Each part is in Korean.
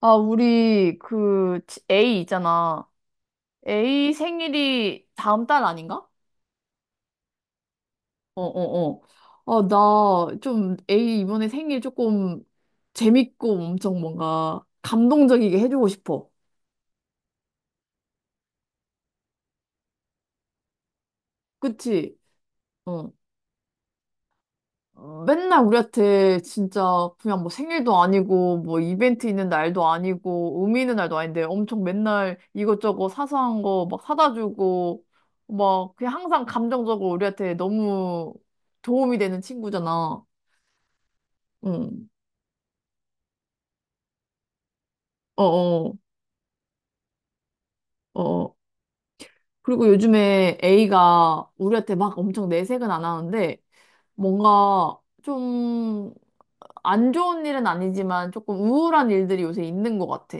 아, 우리 A 있잖아. A 생일이 다음 달 아닌가? 어, 어, 어. 어, 나 좀 A 이번에 생일 조금 재밌고 엄청 뭔가 감동적이게 해주고 싶어. 그치? 어. 어, 맨날 우리한테 진짜 그냥 뭐 생일도 아니고 뭐 이벤트 있는 날도 아니고 의미 있는 날도 아닌데 엄청 맨날 이것저것 사소한 거 막 사다 주고 막 그냥 항상 감정적으로 우리한테 너무 도움이 되는 친구잖아. 응. 어어. 어. 어. 그리고 요즘에 A가 우리한테 막 엄청 내색은 안 하는데 뭔가 좀 안 좋은 일은 아니지만 조금 우울한 일들이 요새 있는 것 같아.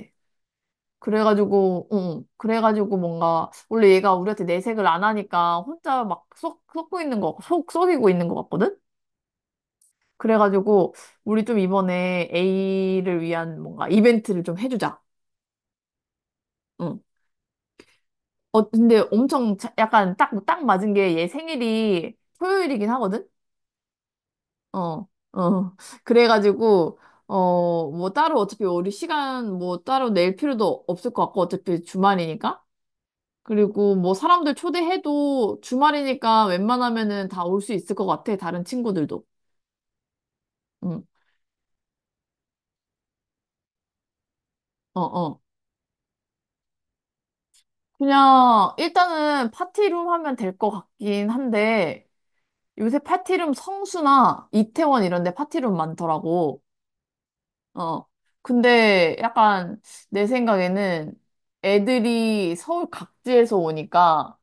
그래가지고, 응, 그래가지고 뭔가, 원래 얘가 우리한테 내색을 안 하니까 혼자 막 썩고 있는 거, 속 썩이고 있는 것 같거든? 그래가지고, 우리 좀 이번에 A를 위한 뭔가 이벤트를 좀 해주자. 응. 어, 근데 엄청 약간 딱 맞은 게 얘 생일이 토요일이긴 하거든? 어, 어. 그래가지고, 어, 뭐 따로 어차피 우리 시간 뭐 따로 낼 필요도 없을 것 같고, 어차피 주말이니까. 그리고 뭐 사람들 초대해도 주말이니까 웬만하면은 다 올 수 있을 것 같아. 다른 친구들도. 응. 어, 어. 그냥 일단은 파티룸 하면 될 것 같긴 한데 요새 파티룸 성수나 이태원 이런 데 파티룸 많더라고. 어. 근데 약간 내 생각에는 애들이 서울 각지에서 오니까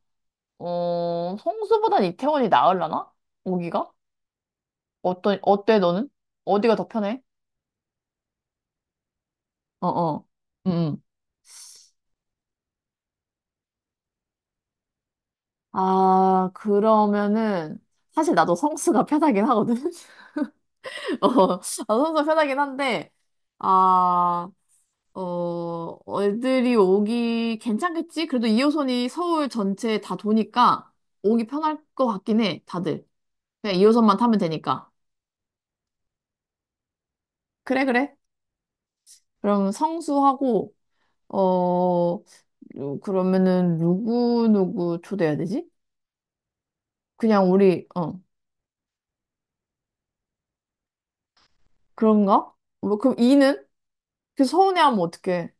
어, 성수보단 이태원이 나으려나? 오기가? 어떤 어때 너는? 어디가 더 편해? 어, 어. 응. 응. 아, 그러면은, 사실 나도 성수가 편하긴 하거든? 어, 나도 성수가 편하긴 한데, 아, 어, 애들이 오기 괜찮겠지? 그래도 2호선이 서울 전체 다 도니까 오기 편할 것 같긴 해, 다들. 그냥 2호선만 타면 되니까. 그래, 그래. 그럼 성수하고, 어, 그러면은, 누구, 누구 초대해야 되지? 그냥 우리, 어, 그런가? 뭐, 그럼 이는? 그 서운해하면 어떡해.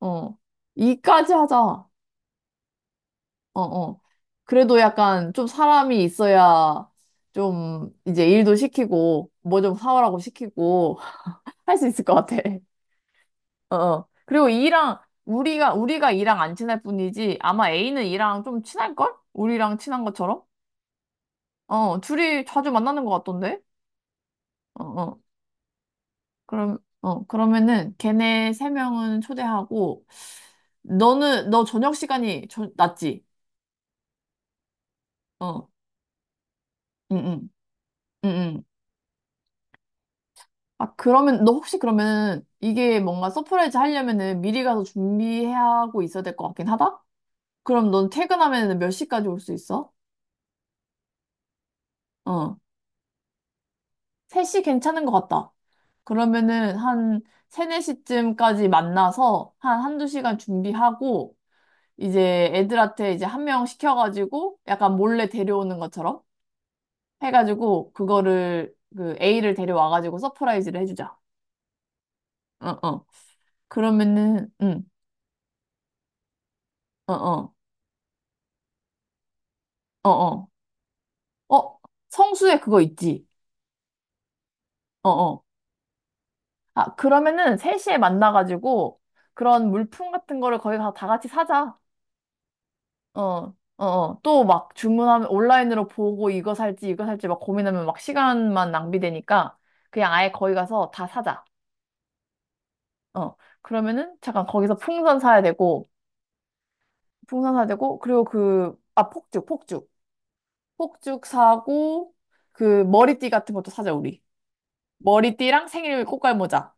어. 이까지 하자. 어, 어. 그래도 약간 좀 사람이 있어야 좀 이제 일도 시키고, 뭐 좀 사오라고 시키고, 할 수 있을 것 같아. 어, 어. 그리고 이랑, 우리가, 우리가 이랑 안 친할 뿐이지, 아마 A는 이랑 좀 친할걸? 우리랑 친한 것처럼? 어, 둘이 자주 만나는 것 같던데? 어, 어. 그럼, 어, 그러면은 걔네 세 명은 초대하고, 너는, 너 저녁 시간이 지 어, 응, 응, 응, 응. 아, 그러면, 너 혹시 그러면 이게 뭔가 서프라이즈 하려면은 미리 가서 준비하고 있어야 될 것 같긴 하다? 그럼 넌 퇴근하면은 몇 시까지 올 수 있어? 어. 3시 괜찮은 것 같다. 그러면은 한 3, 4시쯤까지 만나서 한 한두 시간 준비하고 이제 애들한테 이제 한 명 시켜가지고 약간 몰래 데려오는 것처럼 해가지고 그거를 그 A를 데려와가지고 서프라이즈를 해주자. 어, 어. 그러면은, 응, 어, 어, 어, 어. 어, 성수에 그거 있지. 어, 어. 아, 그러면은 3시에 만나가지고 그런 물품 같은 거를 거기 가서 다 같이 사자. 어, 어, 어. 또 막 주문하면 온라인으로 보고 이거 살지 이거 살지 막 고민하면 막 시간만 낭비되니까 그냥 아예 거기 가서 다 사자. 어. 그러면은 잠깐 거기서 풍선 사야 되고 풍선 사야 되고 그리고 그, 아, 폭죽, 폭죽. 폭죽 사고 그 머리띠 같은 것도 사자, 우리. 머리띠랑 생일 꽃갈 모자.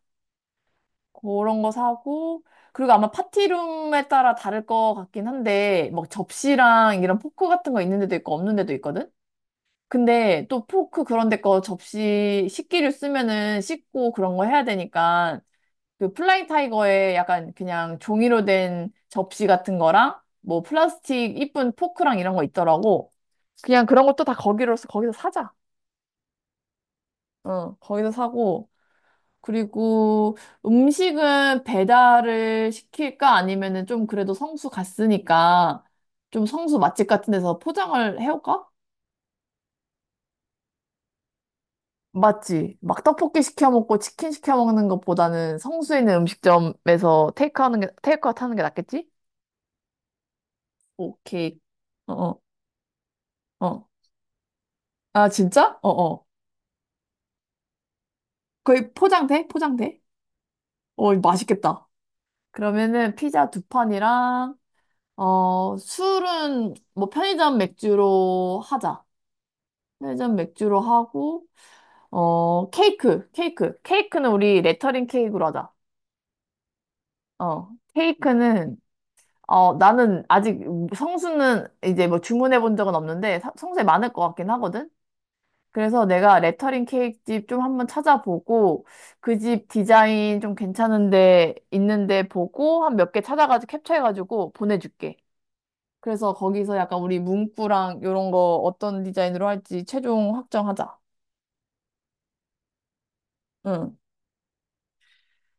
그런 거 사고, 그리고 아마 파티룸에 따라 다를 것 같긴 한데, 막 접시랑 이런 포크 같은 거 있는 데도 있고 없는 데도 있거든? 근데 또 포크 그런 데 거 접시 식기류 쓰면은 씻고 그런 거 해야 되니까, 그 플라잉 타이거에 약간 그냥 종이로 된 접시 같은 거랑, 뭐 플라스틱 이쁜 포크랑 이런 거 있더라고. 그냥 그런 것도 다 거기로서 거기서 사자. 어, 거기서 사고. 그리고 음식은 배달을 시킬까 아니면은 좀 그래도 성수 갔으니까 좀 성수 맛집 같은 데서 포장을 해올까? 맞지. 막 떡볶이 시켜 먹고 치킨 시켜 먹는 것보다는 성수에 있는 음식점에서 테이크 하는 게, 테이크아웃 하는 게 낫겠지? 오케이. 어, 어, 어. 아, 진짜? 어, 어. 거의 포장돼? 포장돼? 어, 이거 맛있겠다. 그러면은 피자 두 판이랑, 어, 술은 뭐 편의점 맥주로 하자. 회전 맥주로 하고, 어, 케이크, 케이크. 케이크는 우리 레터링 케이크로 하자. 어, 케이크는, 어, 나는 아직 성수는 이제 뭐 주문해 본 적은 없는데, 성수에 많을 것 같긴 하거든? 그래서 내가 레터링 케이크 집 좀 한번 찾아보고, 그 집 디자인 좀 괜찮은데, 있는데 보고, 한 몇 개 찾아가지고 캡처해가지고 보내줄게. 그래서 거기서 약간 우리 문구랑 이런 거 어떤 디자인으로 할지 최종 확정하자. 응.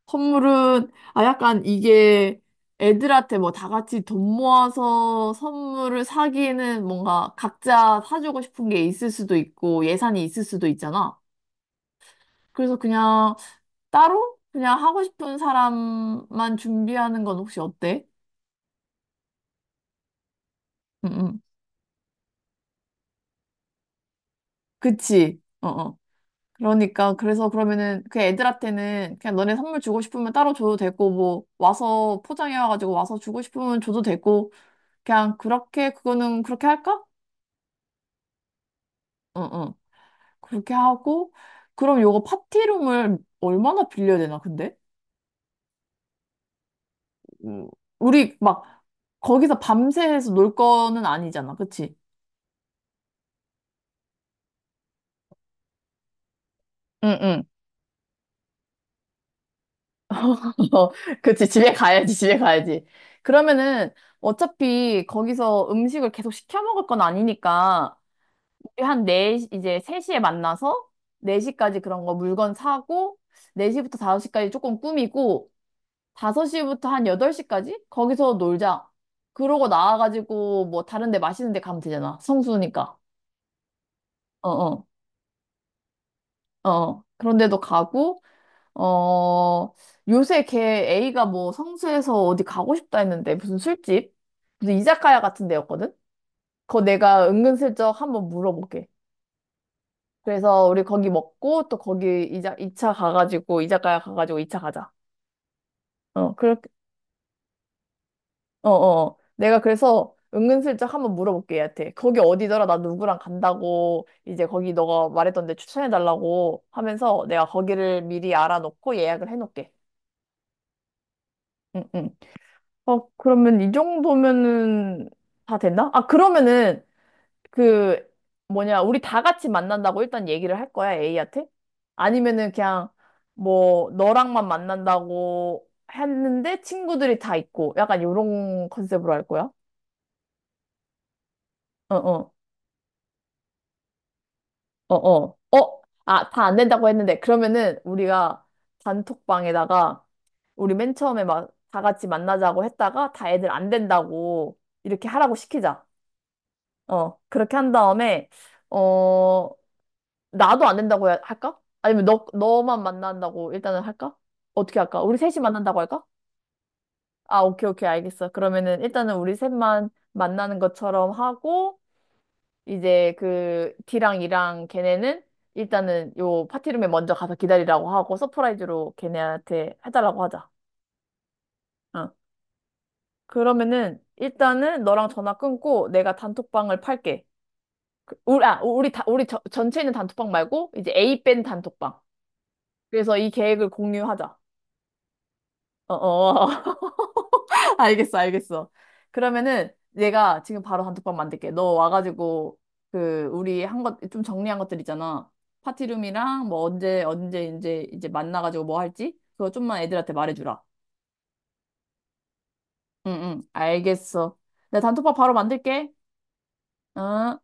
선물은, 아, 약간 이게 애들한테 뭐 다 같이 돈 모아서 선물을 사기에는 뭔가 각자 사주고 싶은 게 있을 수도 있고 예산이 있을 수도 있잖아. 그래서 그냥 따로 그냥 하고 싶은 사람만 준비하는 건 혹시 어때? 응, 응. 그치. 어, 어. 그러니까, 그래서 그러면은 그 애들한테는 그냥 너네 선물 주고 싶으면 따로 줘도 되고, 뭐, 와서 포장해와가지고 와서 주고 싶으면 줘도 되고, 그냥 그렇게, 그거는 그렇게 할까? 어, 어. 그렇게 하고, 그럼 요거 파티룸을 얼마나 빌려야 되나, 근데? 음, 우리 막, 거기서 밤새서 놀 거는 아니잖아, 그치? 응, 응. 어, 그치. 집에 가야지, 집에 가야지. 그러면은 어차피 거기서 음식을 계속 시켜 먹을 건 아니니까 우리 한 네 시 이제 3시에 만나서 4시까지 그런 거 물건 사고 4시부터 5시까지 조금 꾸미고 5시부터 한 8시까지? 거기서 놀자. 그러고 나와가지고 뭐 다른 데 맛있는 데 가면 되잖아. 성수니까. 어, 어, 어. 그런 데도 가고, 어, 요새 걔 A가 뭐 성수에서 어디 가고 싶다 했는데 무슨 술집? 무슨 이자카야 같은 데였거든? 그거 내가 은근슬쩍 한번 물어볼게. 그래서 우리 거기 먹고 또 거기 2차 가가지고, 이자카야 가가지고 2차 가자. 어, 그렇 어어. 내가 그래서 은근슬쩍 한번 물어볼게, 얘한테. 거기 어디더라? 나 누구랑 간다고. 이제 거기 너가 말했던 데 추천해달라고 하면서 내가 거기를 미리 알아놓고 예약을 해놓을게. 응, 응. 어, 그러면 이 정도면은 다 됐나? 아, 그러면은 그 뭐냐. 우리 다 같이 만난다고 일단 얘기를 할 거야, A한테? 아니면은 그냥 뭐 너랑만 만난다고 했는데 친구들이 다 있고 약간 요런 컨셉으로 할 거야? 어어. 어, 어, 어, 아, 다 안 된다고 했는데, 그러면은 우리가 단톡방에다가 우리 맨 처음에 막 다 같이 만나자고 했다가 다 애들 안 된다고 이렇게 하라고 시키자. 어, 그렇게 한 다음에, 어, 나도 안 된다고 할까? 아니면 너, 너만 만난다고 일단은 할까? 어떻게 할까? 우리 셋이 만난다고 할까? 아, 오케이, 오케이, 알겠어. 그러면은 일단은 우리 셋만 만나는 것처럼 하고, 이제 그 D랑 E랑 걔네는 일단은 요 파티룸에 먼저 가서 기다리라고 하고 서프라이즈로 걔네한테 해달라고 하자. 어. 그러면은 일단은 너랑 전화 끊고 내가 단톡방을 팔게. 그, 우리, 아, 우리, 다, 우리 전체 있는 단톡방 말고 이제 A 밴 단톡방. 그래서 이 계획을 공유하자. 어어. 알겠어, 알겠어. 그러면은 내가 지금 바로 단톡방 만들게. 너 와가지고 그 우리 한 것 좀 정리한 것들 있잖아. 파티룸이랑 뭐 언제 언제 이제 이제 만나가지고 뭐 할지 그거 좀만 애들한테 말해주라. 응, 응, 알겠어. 내가 단톡방 바로 만들게. 응.